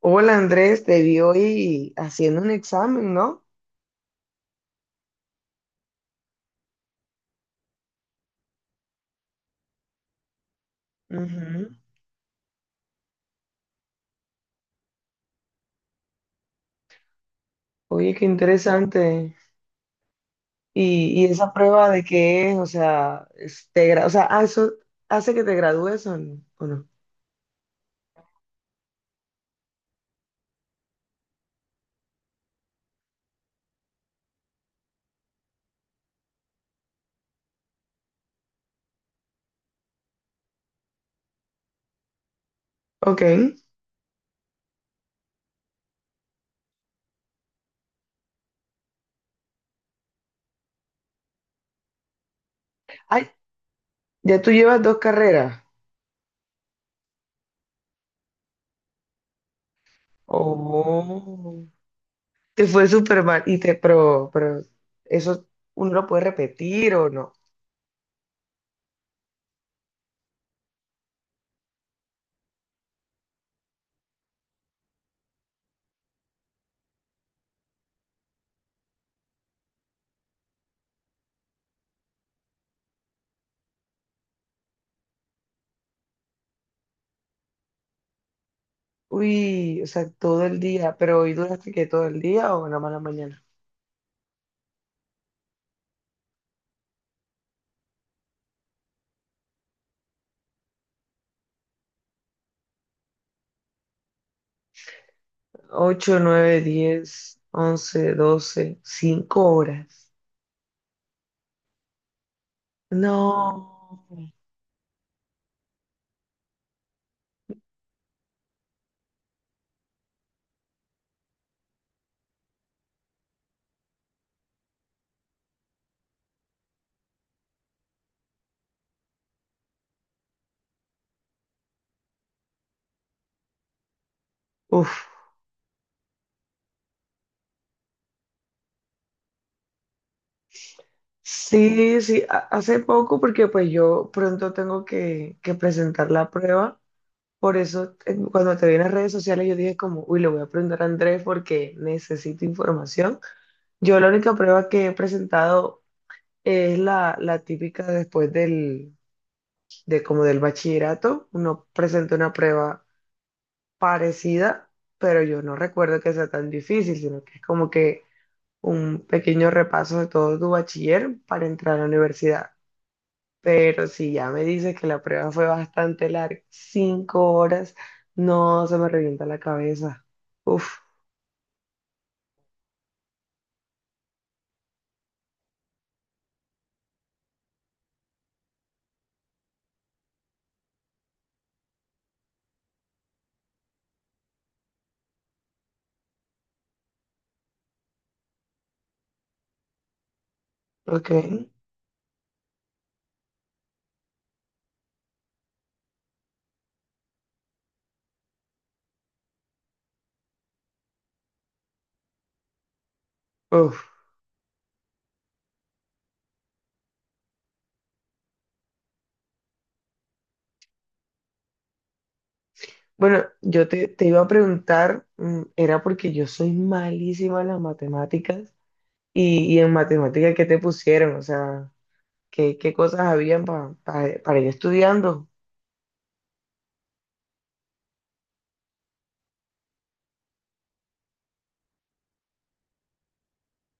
Hola Andrés, te vi hoy haciendo un examen, ¿no? Ujú. Oye, qué interesante. Y esa prueba de qué es, o sea, o sea, eso hace que te gradúes o o no. Ok. Ay, ya tú llevas dos carreras. Oh, te fue súper mal. Pero eso uno lo puede repetir o no. Uy, o sea, todo el día, pero hoy duraste que todo el día o nada más la mañana. Ocho, nueve, 10, 11, 12, 5 horas. No. Uf. Sí, sí, hace poco porque pues yo pronto tengo que presentar la prueba. Por eso cuando te vi en las redes sociales yo dije como, uy, le voy a preguntar a Andrés porque necesito información. Yo la única prueba que he presentado es la típica después de como del bachillerato. Uno presenta una prueba parecida, pero yo no recuerdo que sea tan difícil, sino que es como que un pequeño repaso de todo tu bachiller para entrar a la universidad. Pero si ya me dices que la prueba fue bastante larga, 5 horas, no se me revienta la cabeza. Uf, ok, uf. Bueno, yo te iba a preguntar, era porque yo soy malísima en las matemáticas y en matemáticas, ¿qué te pusieron? O sea, ¿qué cosas habían para ir estudiando?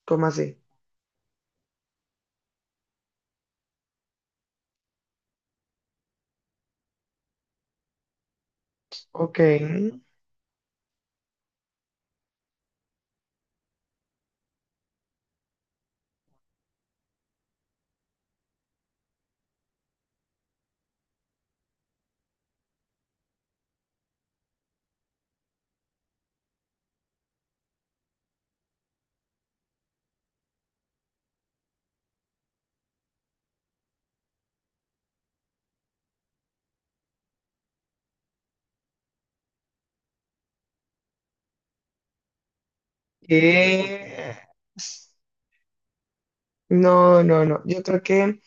¿Cómo así? Ok. Eh, No, no, no. Yo creo que,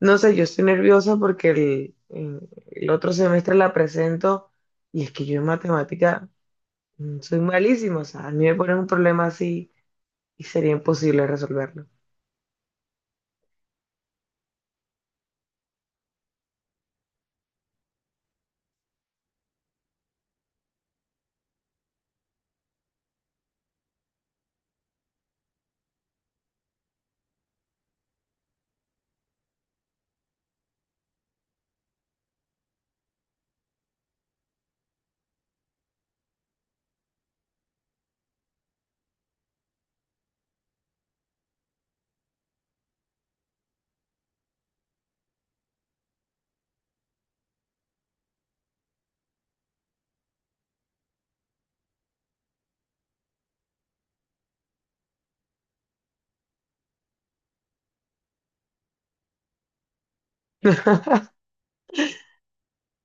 no sé, yo estoy nerviosa porque el otro semestre la presento y es que yo en matemática soy malísima. O sea, a mí me ponen un problema así y sería imposible resolverlo.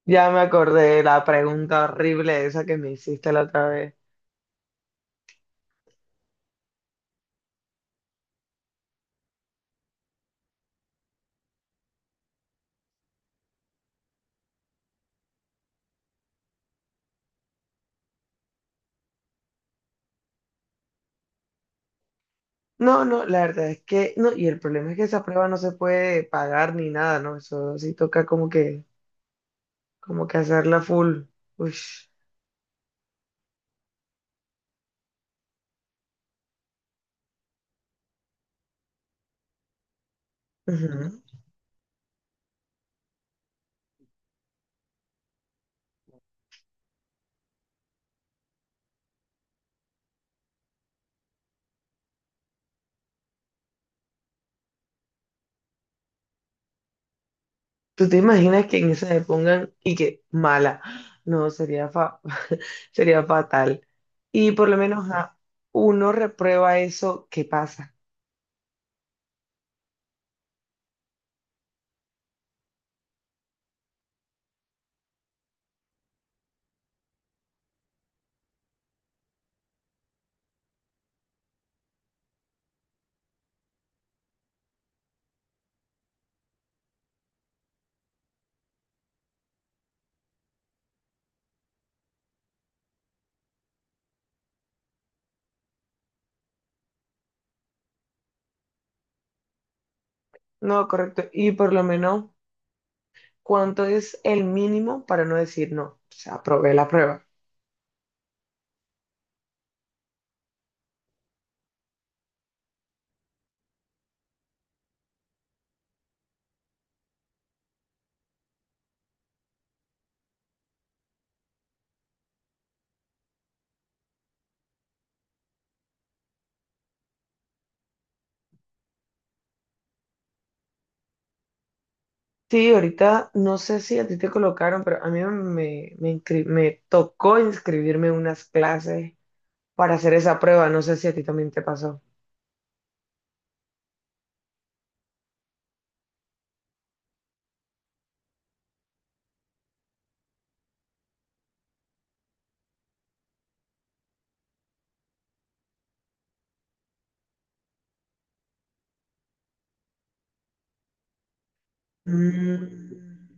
Ya me acordé de la pregunta horrible esa que me hiciste la otra vez. No, no, la verdad es que, no, y el problema es que esa prueba no se puede pagar ni nada, ¿no? Eso sí toca como que hacerla full. Uy. Ujú. ¿Tú te imaginas que en esa le pongan y que mala? No, sería fatal. Y por lo menos a uno reprueba eso, ¿qué pasa? No, correcto. Y por lo menos, ¿cuánto es el mínimo para no decir no? O sea, aprobé la prueba. Sí, ahorita no sé si a ti te colocaron, pero a mí me tocó inscribirme en unas clases para hacer esa prueba. No sé si a ti también te pasó. Mm.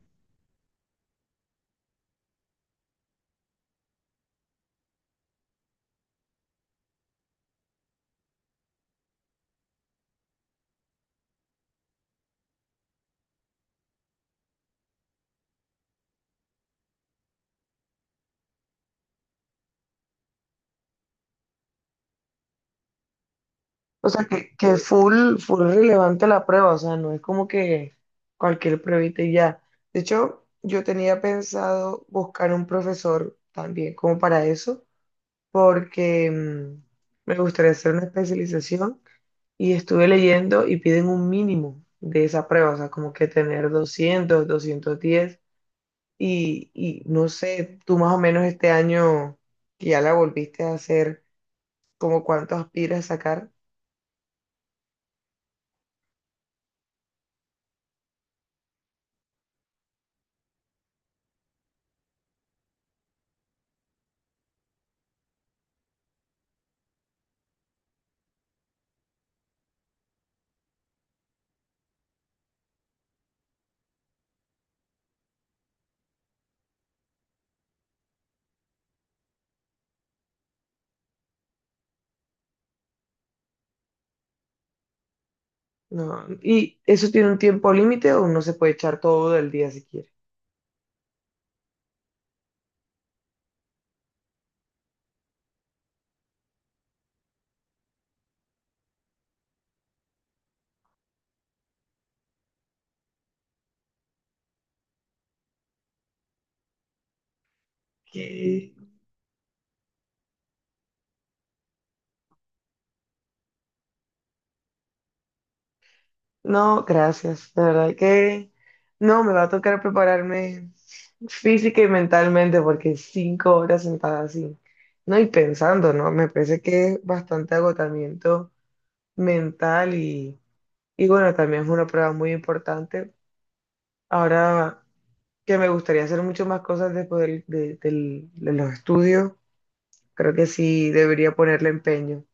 O sea, que es full, full relevante la prueba, o sea, no es como que cualquier pruebita y ya. De hecho, yo tenía pensado buscar un profesor también como para eso, porque me gustaría hacer una especialización y estuve leyendo y piden un mínimo de esa prueba, o sea, como que tener 200 210 y no sé, tú más o menos este año que ya la volviste a hacer, como cuánto aspiras a sacar. No, ¿y eso tiene un tiempo límite o uno se puede echar todo el día si quiere? ¿Qué? No, gracias. La verdad que no, me va a tocar prepararme física y mentalmente porque 5 horas sentada así, no, y pensando, ¿no? Me parece que es bastante agotamiento mental y bueno, también es una prueba muy importante. Ahora que me gustaría hacer mucho más cosas después de los estudios, creo que sí debería ponerle empeño.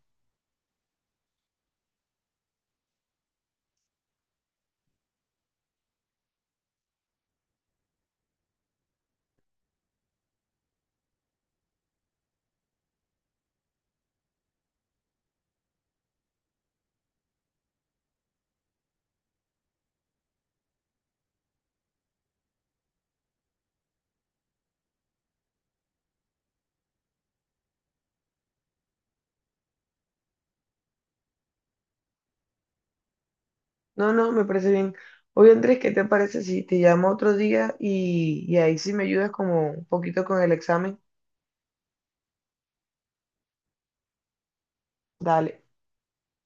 No, no, me parece bien. Oye, Andrés, ¿qué te parece si te llamo otro día y ahí sí me ayudas como un poquito con el examen? Dale.